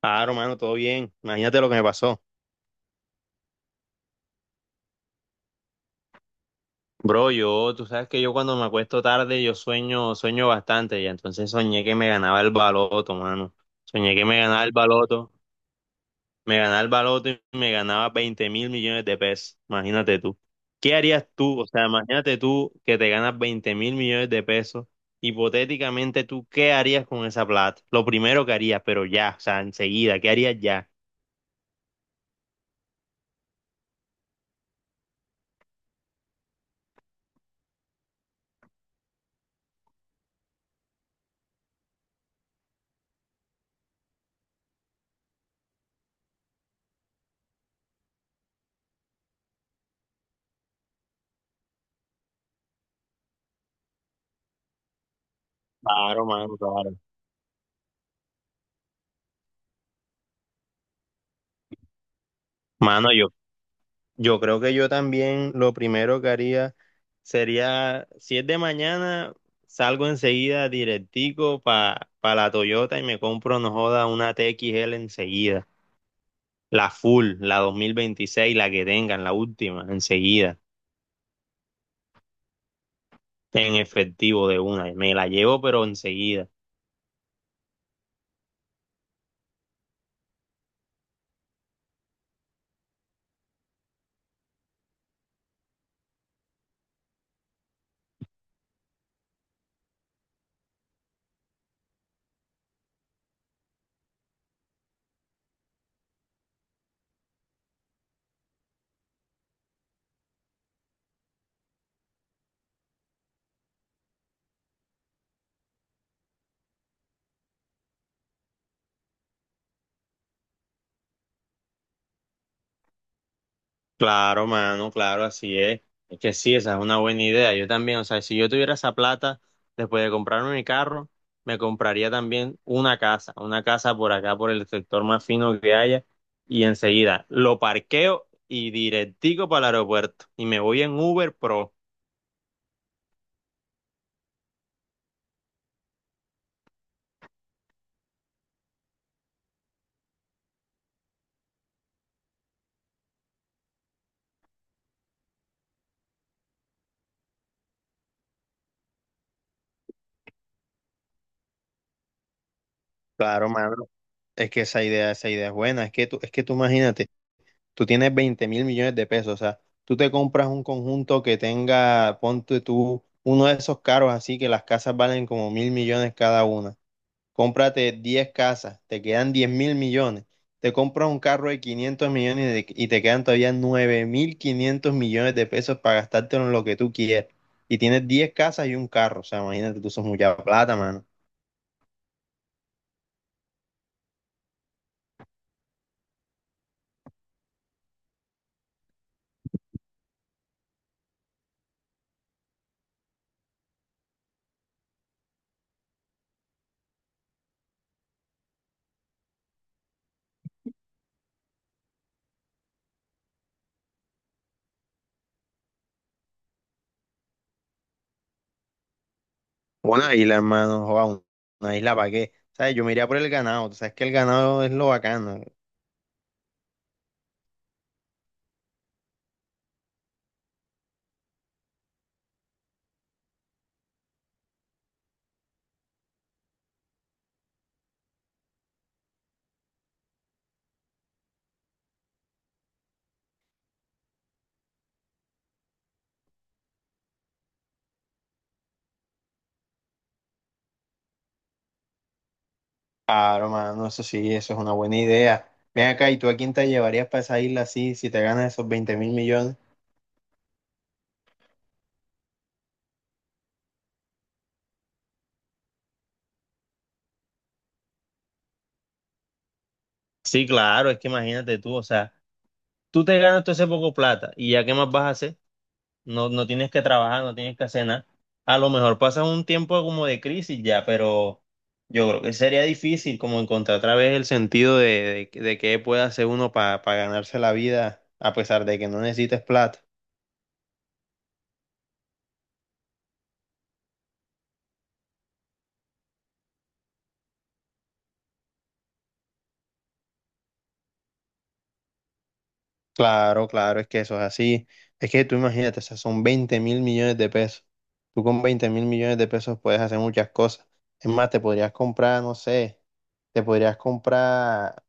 Claro, mano, todo bien. Imagínate lo que me pasó. Bro, yo, tú sabes que yo cuando me acuesto tarde, yo sueño, sueño bastante, y entonces soñé que me ganaba el baloto, mano. Soñé que me ganaba el baloto, me ganaba el baloto y me ganaba 20 mil millones de pesos. Imagínate tú. ¿Qué harías tú? O sea, imagínate tú que te ganas 20 mil millones de pesos. Hipotéticamente, ¿tú qué harías con esa plata? Lo primero que harías, pero ya, o sea, enseguida, ¿qué harías ya? Claro. Mano, yo creo que yo también lo primero que haría sería, si es de mañana, salgo enseguida directico para la Toyota y me compro, no joda, una TXL enseguida. La full, la 2026, la que tengan, la última, enseguida, en efectivo de una. Me la llevo, pero enseguida. Claro, mano, claro, así es. Es que sí, esa es una buena idea. Yo también, o sea, si yo tuviera esa plata, después de comprarme mi carro, me compraría también una casa por acá, por el sector más fino que haya, y enseguida lo parqueo y directico para el aeropuerto. Y me voy en Uber Pro. Claro, mano. Es que esa idea es buena. Es que tú imagínate. Tú tienes 20 mil millones de pesos, o sea, tú te compras un conjunto que tenga, ponte tú, uno de esos caros así que las casas valen como mil millones cada una. Cómprate 10 casas, te quedan 10 mil millones. Te compras un carro de 500 y te quedan todavía 9 mil 500 millones de pesos para gastártelo en lo que tú quieras. Y tienes 10 casas y un carro, o sea, imagínate, tú sos mucha plata, mano. Una isla, hermano, joda, una isla para qué. ¿Sabes? Yo me iría por el ganado, tú sabes que el ganado es lo bacano. Claro, mano, eso sí, eso es una buena idea. Ven acá, ¿y tú a quién te llevarías para esa isla así si te ganas esos 20 mil millones? Sí, claro, es que imagínate tú, o sea, tú te ganas todo ese poco plata y ya qué más vas a hacer, no, no tienes que trabajar, no tienes que hacer nada. A lo mejor pasas un tiempo como de crisis ya, pero yo creo que sería difícil como encontrar otra vez el sentido de qué puede hacer uno para ganarse la vida a pesar de que no necesites plata. Claro, claro, es que eso es así. Es que tú imagínate, o sea, son 20 mil millones de pesos. Tú con 20 mil millones de pesos puedes hacer muchas cosas. Es más, te podrías comprar, no sé, te podrías comprar,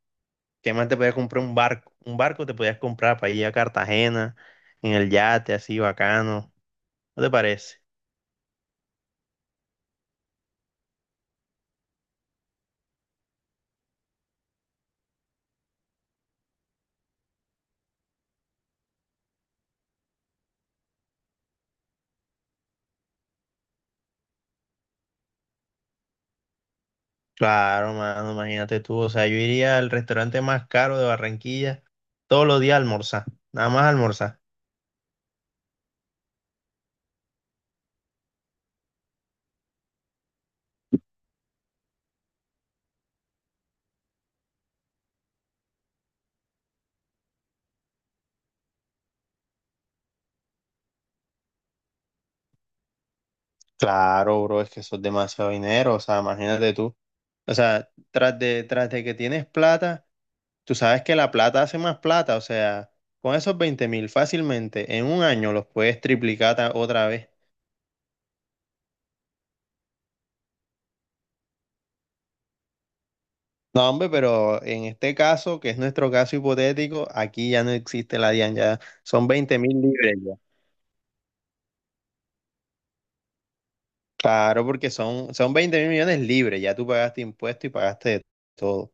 ¿qué más te podrías comprar? Un barco. Un barco te podrías comprar para ir a Cartagena, en el yate, así bacano. ¿No te parece? Claro, mano, imagínate tú. O sea, yo iría al restaurante más caro de Barranquilla todos los días a almorzar, nada más a almorzar. Claro, bro, es que eso es demasiado dinero, o sea, imagínate tú. O sea, tras de que tienes plata, tú sabes que la plata hace más plata. O sea, con esos 20 mil fácilmente en un año los puedes otra vez. No, hombre, pero en este caso, que es nuestro caso hipotético, aquí ya no existe la DIAN, ya son 20 mil libres ya. Claro, porque son, son 20 mil millones libres, ya tú pagaste impuestos y pagaste de todo.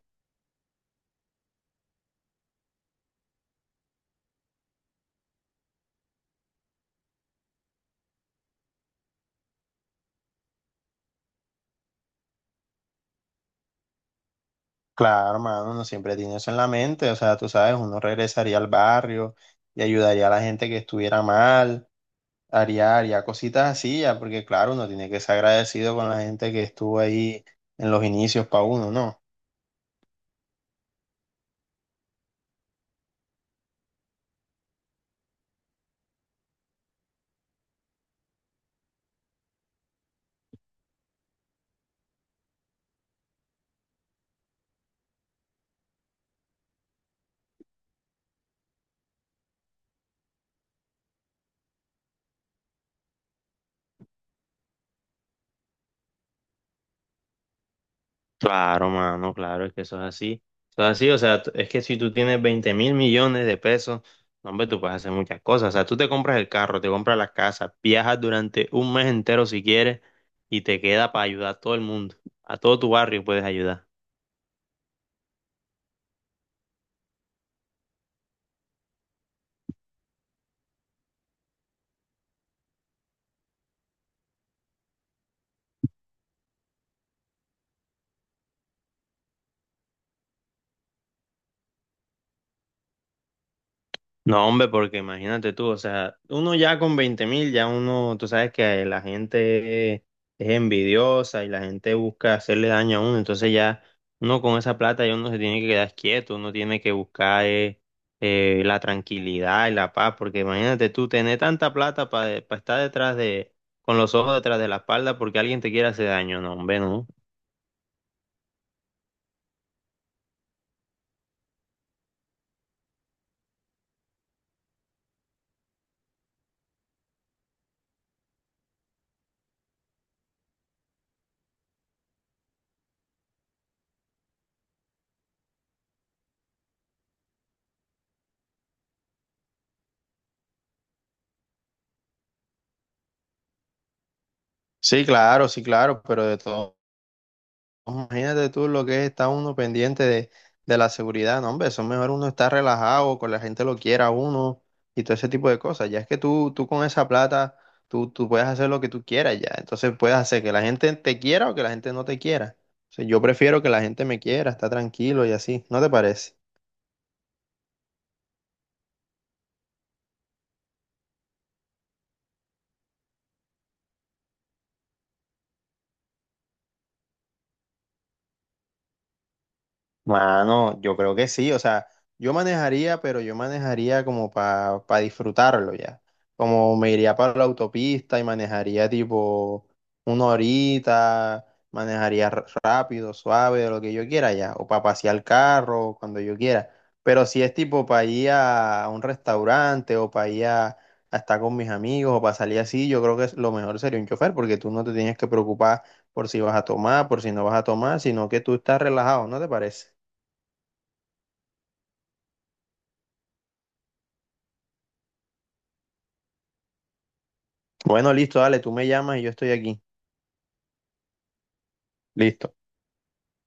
Claro, hermano, uno siempre tiene eso en la mente, o sea, tú sabes, uno regresaría al barrio y ayudaría a la gente que estuviera mal. Haría cositas así ya, porque claro, uno tiene que ser agradecido con la gente que estuvo ahí en los inicios para uno, ¿no? Claro, mano, claro, es que eso es así. Eso es así, o sea, es que si tú tienes 20 mil millones de pesos, no, hombre, tú puedes hacer muchas cosas. O sea, tú te compras el carro, te compras la casa, viajas durante un mes entero si quieres y te queda para ayudar a todo el mundo. A todo tu barrio puedes ayudar. No, hombre, porque imagínate tú, o sea, uno ya con 20 mil, ya uno, tú sabes que la gente es envidiosa y la gente busca hacerle daño a uno, entonces ya uno con esa plata ya uno se tiene que quedar quieto, uno tiene que buscar la tranquilidad y la paz, porque imagínate tú tener tanta plata para estar detrás de, con los ojos detrás de la espalda porque alguien te quiere hacer daño, no, hombre, no. Sí, claro, sí, claro, pero de todo. Imagínate tú lo que es estar uno pendiente de la seguridad, no, hombre, eso es mejor uno estar relajado, con la gente lo quiera a uno y todo ese tipo de cosas. Ya es que tú con esa plata, tú puedes hacer lo que tú quieras ya. Entonces puedes hacer que la gente te quiera o que la gente no te quiera. O sea, yo prefiero que la gente me quiera, está tranquilo y así, ¿no te parece? Mano, yo creo que sí, o sea, yo manejaría, pero yo manejaría como para disfrutarlo ya. Como me iría para la autopista y manejaría tipo una horita, manejaría rápido, suave, de lo que yo quiera ya, o para pasear el carro, cuando yo quiera. Pero si es tipo para ir a un restaurante o para ir a estar con mis amigos o para salir así, yo creo que lo mejor sería un chofer porque tú no te tienes que preocupar por si vas a tomar, por si no vas a tomar, sino que tú estás relajado, ¿no te parece? Bueno, listo, dale, tú me llamas y yo estoy aquí. Listo.